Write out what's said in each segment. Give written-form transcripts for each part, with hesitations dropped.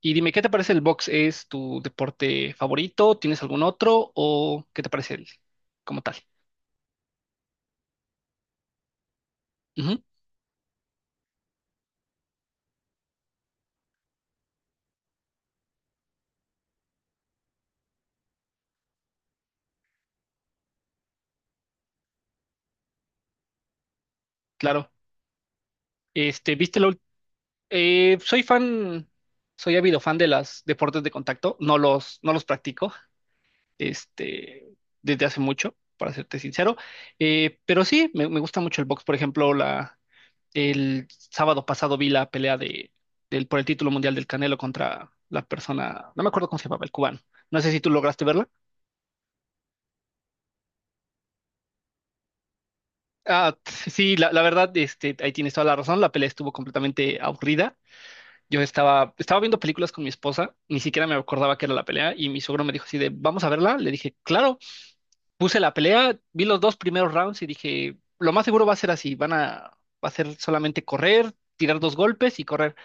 Y dime, ¿qué te parece el box? ¿Es tu deporte favorito? ¿Tienes algún otro? ¿O qué te parece el como tal? Ujú, claro. Este, soy fan, soy ávido fan de los deportes de contacto. No los practico, este, desde hace mucho, para serte sincero. Pero sí, me gusta mucho el box. Por ejemplo, el sábado pasado vi la pelea del, por el título mundial del Canelo contra la persona, no me acuerdo cómo se llamaba, el cubano. No sé si tú lograste verla. Ah, sí, la verdad, este, ahí tienes toda la razón. La pelea estuvo completamente aburrida. Yo estaba viendo películas con mi esposa, ni siquiera me acordaba que era la pelea, y mi suegro me dijo así de, vamos a verla. Le dije, claro, puse la pelea, vi los dos primeros rounds y dije, lo más seguro va a ser así, va a ser solamente correr, tirar dos golpes y correr.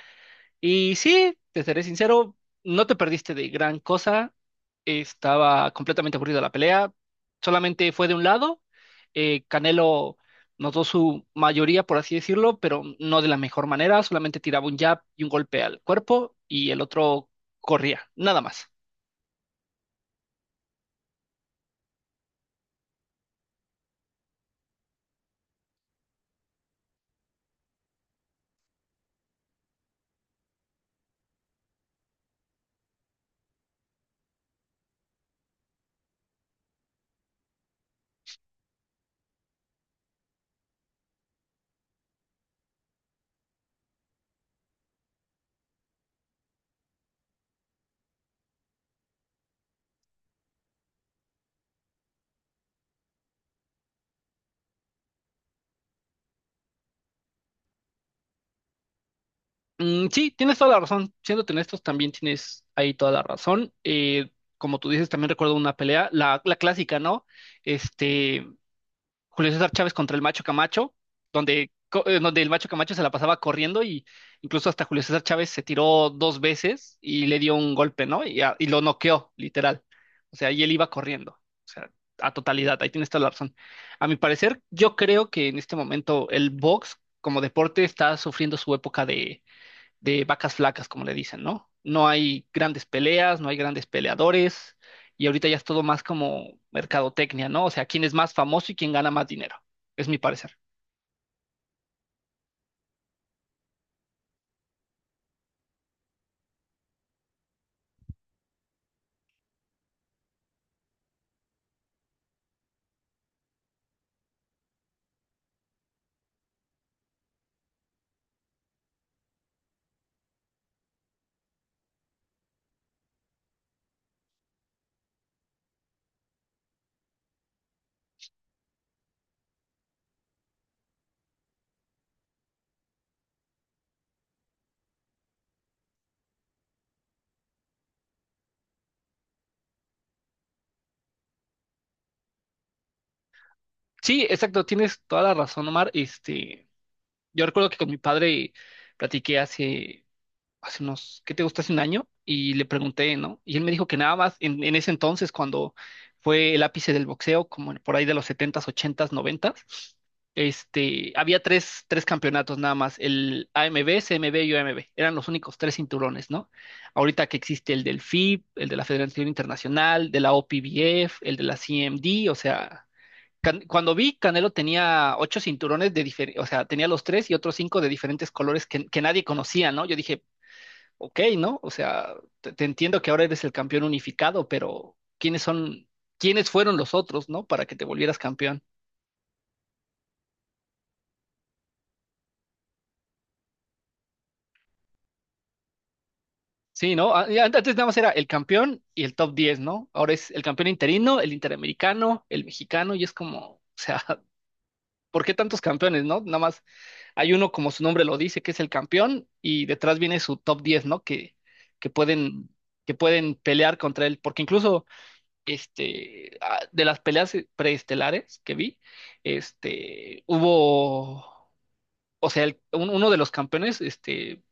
Y sí, te seré sincero, no te perdiste de gran cosa. Estaba completamente aburrida la pelea. Solamente fue de un lado. Canelo notó su mayoría, por así decirlo, pero no de la mejor manera. Solamente tiraba un jab y un golpe al cuerpo y el otro corría, nada más. Mm, sí, tienes toda la razón. Siéndote honestos, también tienes ahí toda la razón. Como tú dices, también recuerdo una pelea, la clásica, ¿no? Este. Julio César Chávez contra el Macho Camacho, donde el Macho Camacho se la pasaba corriendo y incluso hasta Julio César Chávez se tiró dos veces y le dio un golpe, ¿no? Y lo noqueó, literal. O sea, y él iba corriendo. O sea, a totalidad, ahí tienes toda la razón. A mi parecer, yo creo que en este momento el box como deporte está sufriendo su época de vacas flacas, como le dicen, ¿no? No hay grandes peleas, no hay grandes peleadores, y ahorita ya es todo más como mercadotecnia, ¿no? O sea, quién es más famoso y quién gana más dinero, es mi parecer. Sí, exacto, tienes toda la razón, Omar. Este, yo recuerdo que con mi padre platiqué hace unos, ¿qué te gusta? Hace un año y le pregunté, ¿no? Y él me dijo que nada más en ese entonces, cuando fue el ápice del boxeo, como por ahí de los setentas ochentas noventas había tres campeonatos nada más, el AMB, CMB y OMB, eran los únicos tres cinturones, ¿no? Ahorita que existe el del FIB, el de la Federación Internacional, de la OPBF, el de la CMD, o sea. Cuando vi, Canelo tenía ocho cinturones de diferentes, o sea, tenía los tres y otros cinco de diferentes colores que nadie conocía, ¿no? Yo dije, ok, ¿no? O sea, te entiendo que ahora eres el campeón unificado, pero ¿quiénes son, quiénes fueron los otros? ¿No? Para que te volvieras campeón. Sí, ¿no? Antes nada más era el campeón y el top 10, ¿no? Ahora es el campeón interino, el interamericano, el mexicano, y es como, o sea, ¿por qué tantos campeones, no? Nada más hay uno, como su nombre lo dice, que es el campeón, y detrás viene su top 10, ¿no? Que pueden, que pueden pelear contra él, porque incluso este, de las peleas preestelares que vi, este, hubo, o sea, uno de los campeones, este,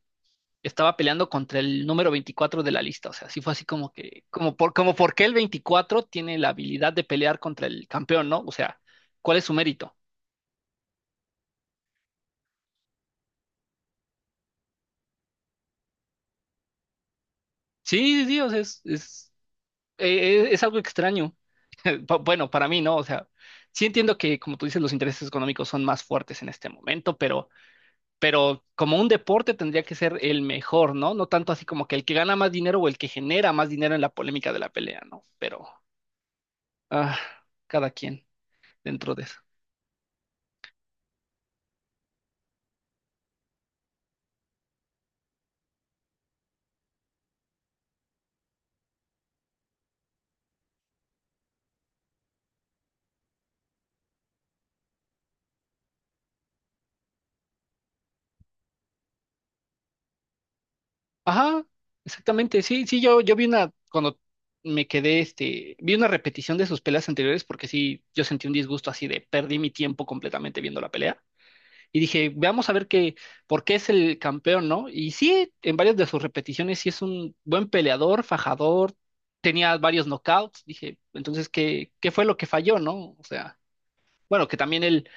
estaba peleando contra el número 24 de la lista, o sea, sí fue así como que, como por qué el 24 tiene la habilidad de pelear contra el campeón, ¿no? O sea, ¿cuál es su mérito? Sí, sí, sí, o sea, es algo extraño. Bueno, para mí, ¿no? O sea, sí entiendo que, como tú dices, los intereses económicos son más fuertes en este momento, pero como un deporte tendría que ser el mejor, ¿no? No tanto así como que el que gana más dinero o el que genera más dinero en la polémica de la pelea, ¿no? Pero ah, cada quien dentro de eso. Ajá, exactamente. Sí, sí, yo vi una, cuando me quedé, este, vi una repetición de sus peleas anteriores porque sí, yo sentí un disgusto así de perdí mi tiempo completamente viendo la pelea. Y dije, veamos a ver qué, por qué es el campeón, ¿no? Y sí, en varias de sus repeticiones, sí es un buen peleador, fajador, tenía varios knockouts. Dije, entonces, ¿qué fue lo que falló, no? O sea, bueno, que también él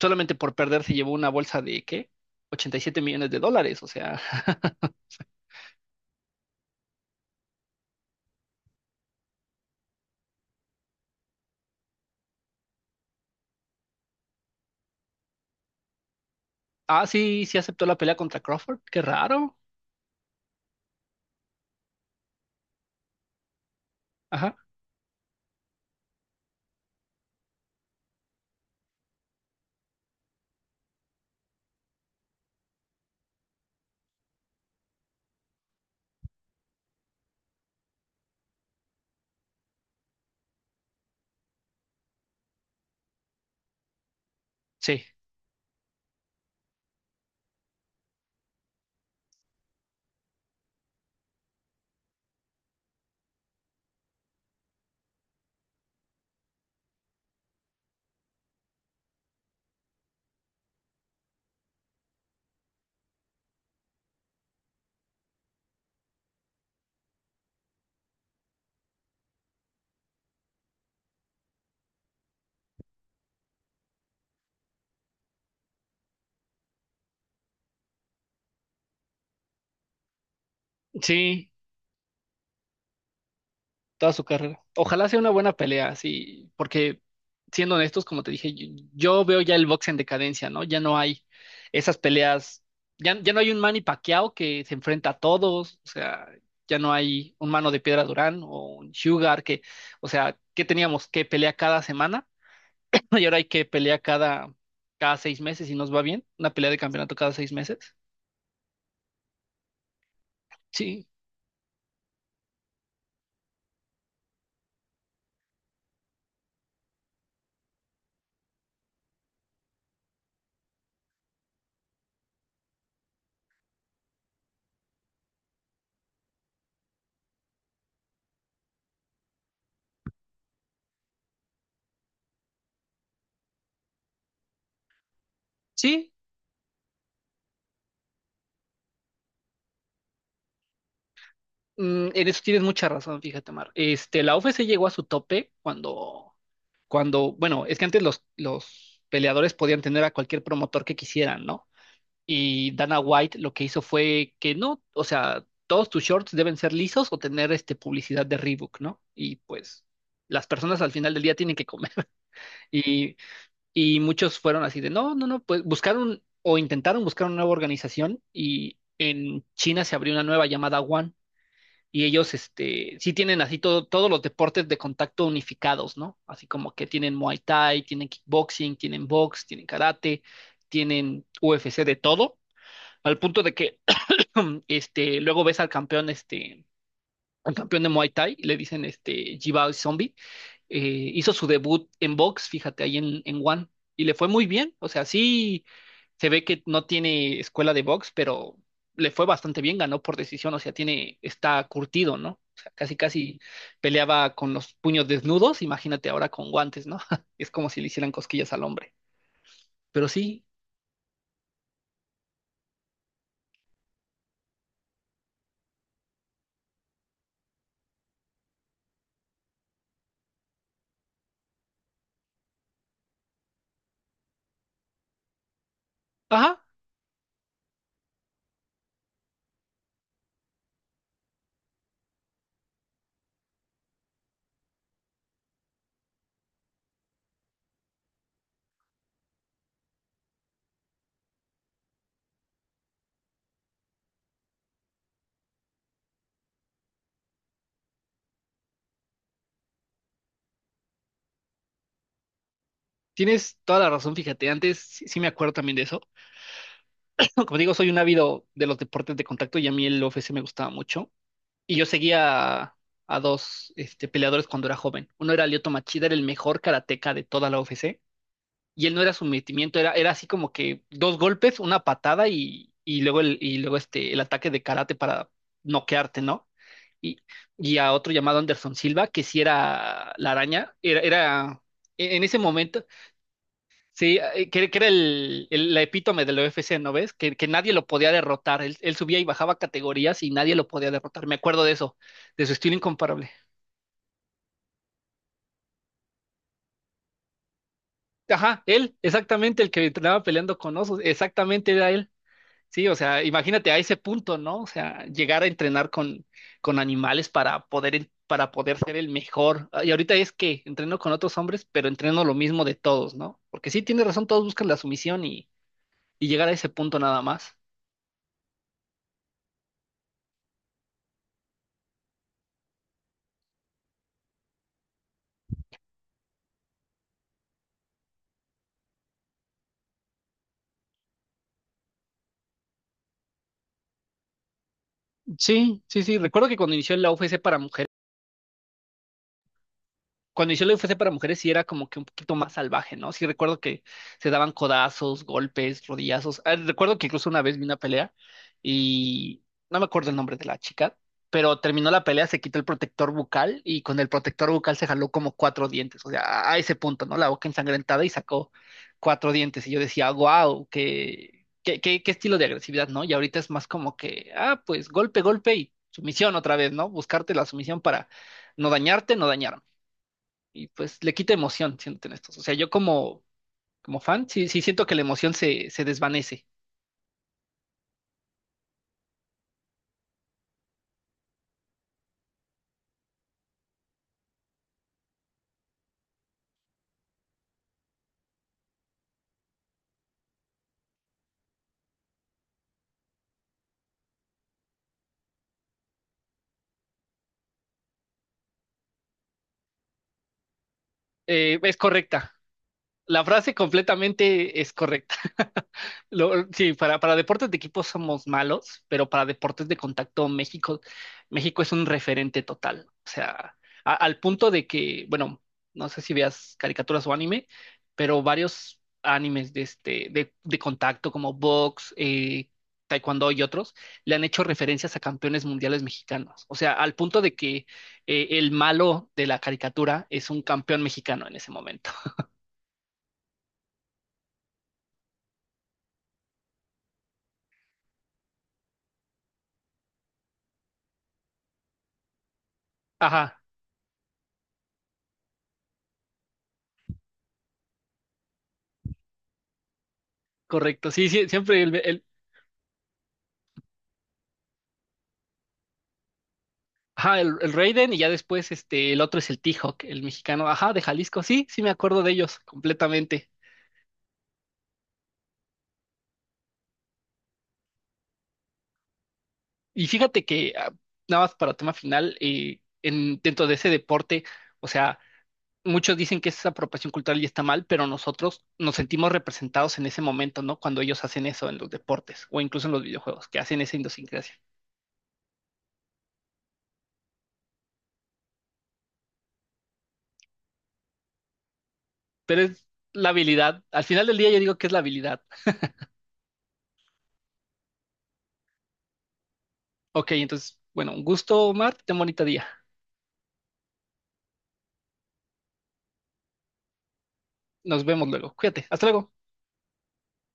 solamente por perder se llevó una bolsa de, ¿qué? 87 millones de dólares, o sea. Ah, sí, sí aceptó la pelea contra Crawford, qué raro. Ajá, sí. Sí, toda su carrera. Ojalá sea una buena pelea, sí, porque siendo honestos, como te dije, yo veo ya el box en decadencia, ¿no? Ya no hay esas peleas, ya no hay un Manny Pacquiao que se enfrenta a todos, o sea, ya no hay un mano de piedra Durán o un Sugar que, o sea, ¿qué teníamos? ¿Qué pelea cada semana? Y ahora hay que pelea cada 6 meses y nos va bien, una pelea de campeonato cada 6 meses. Sí, sí, en eso tienes mucha razón, fíjate, Mar. Este, la UFC llegó a su tope cuando, bueno, es que antes los peleadores podían tener a cualquier promotor que quisieran, ¿no? Y Dana White lo que hizo fue que no, o sea, todos tus shorts deben ser lisos o tener este publicidad de Reebok, ¿no? Y pues las personas al final del día tienen que comer. Y, y muchos fueron así de, no, no, no, pues buscaron o intentaron buscar una nueva organización y en China se abrió una nueva llamada One y ellos, este, sí tienen así todo, todos los deportes de contacto unificados, ¿no? Así como que tienen Muay Thai, tienen kickboxing, tienen box, tienen karate, tienen UFC de todo, al punto de que, este, luego ves al campeón, este, al campeón de Muay Thai, y le dicen, este, Jibao Zombie, eh, hizo su debut en box, fíjate, ahí en One, y le fue muy bien. O sea, sí se ve que no tiene escuela de box, pero le fue bastante bien, ganó por decisión, o sea, tiene, está curtido, ¿no? O sea, casi casi peleaba con los puños desnudos, imagínate ahora con guantes, ¿no? Es como si le hicieran cosquillas al hombre. Pero sí, ajá, tienes toda la razón, fíjate, antes sí, sí me acuerdo también de eso. Como digo, soy un ávido de los deportes de contacto y a mí el UFC me gustaba mucho. Y yo seguía a dos peleadores cuando era joven. Uno era Lyoto Machida, era el mejor karateca de toda la UFC. Y él no era sometimiento, era así como que dos golpes, una patada y luego, el, y luego este, el ataque de karate para noquearte, ¿no? Y, y a otro llamado Anderson Silva, que sí era la araña, era en ese momento. Sí, que era la epítome de la UFC, ¿no ves? Que nadie lo podía derrotar. Él subía y bajaba categorías y nadie lo podía derrotar. Me acuerdo de eso, de su estilo incomparable. Ajá, exactamente el que entrenaba peleando con osos, exactamente era él. Sí, o sea, imagínate a ese punto, ¿no? O sea, llegar a entrenar con animales para poder, para poder ser el mejor. Ah, y ahorita es que entreno con otros hombres, pero entreno lo mismo de todos, ¿no? Porque sí, tiene razón, todos buscan la sumisión y llegar a ese punto nada más. Sí, sí, sí. Recuerdo que cuando inició la UFC para mujeres, cuando inició la UFC para mujeres sí era como que un poquito más salvaje, ¿no? Sí recuerdo que se daban codazos, golpes, rodillazos. Ah, recuerdo que incluso una vez vi una pelea y no me acuerdo el nombre de la chica, pero terminó la pelea, se quitó el protector bucal y con el protector bucal se jaló como cuatro dientes, o sea, a ese punto, ¿no? La boca ensangrentada y sacó cuatro dientes y yo decía, wow, qué estilo de agresividad, ¿no? Y ahorita es más como que, pues golpe, golpe y sumisión otra vez, ¿no? Buscarte la sumisión para no dañarte, no dañarme y pues le quita emoción, siéndote honestos. O sea, yo como fan, sí, sí siento que la emoción se desvanece. Es correcta. La frase completamente es correcta. Sí, para deportes de equipo somos malos, pero para deportes de contacto México, México es un referente total. O sea, al punto de que, bueno, no sé si veas caricaturas o anime, pero varios animes de este, de contacto como box, taekwondo y otros, le han hecho referencias a campeones mundiales mexicanos. O sea, al punto de que el malo de la caricatura es un campeón mexicano en ese momento. Ajá. Correcto. Sí, sí, siempre ajá, el Raiden y ya después este, el otro es el T-Hawk, el mexicano, ajá, de Jalisco. Sí, sí me acuerdo de ellos completamente. Y fíjate que, nada más para tema final, dentro de ese deporte, o sea, muchos dicen que esa apropiación cultural y está mal, pero nosotros nos sentimos representados en ese momento, ¿no? Cuando ellos hacen eso en los deportes o incluso en los videojuegos, que hacen esa idiosincrasia. Pero es la habilidad. Al final del día yo digo que es la habilidad. Ok, entonces, bueno, un gusto, Omar, ten bonito día. Nos vemos luego. Cuídate. Hasta luego.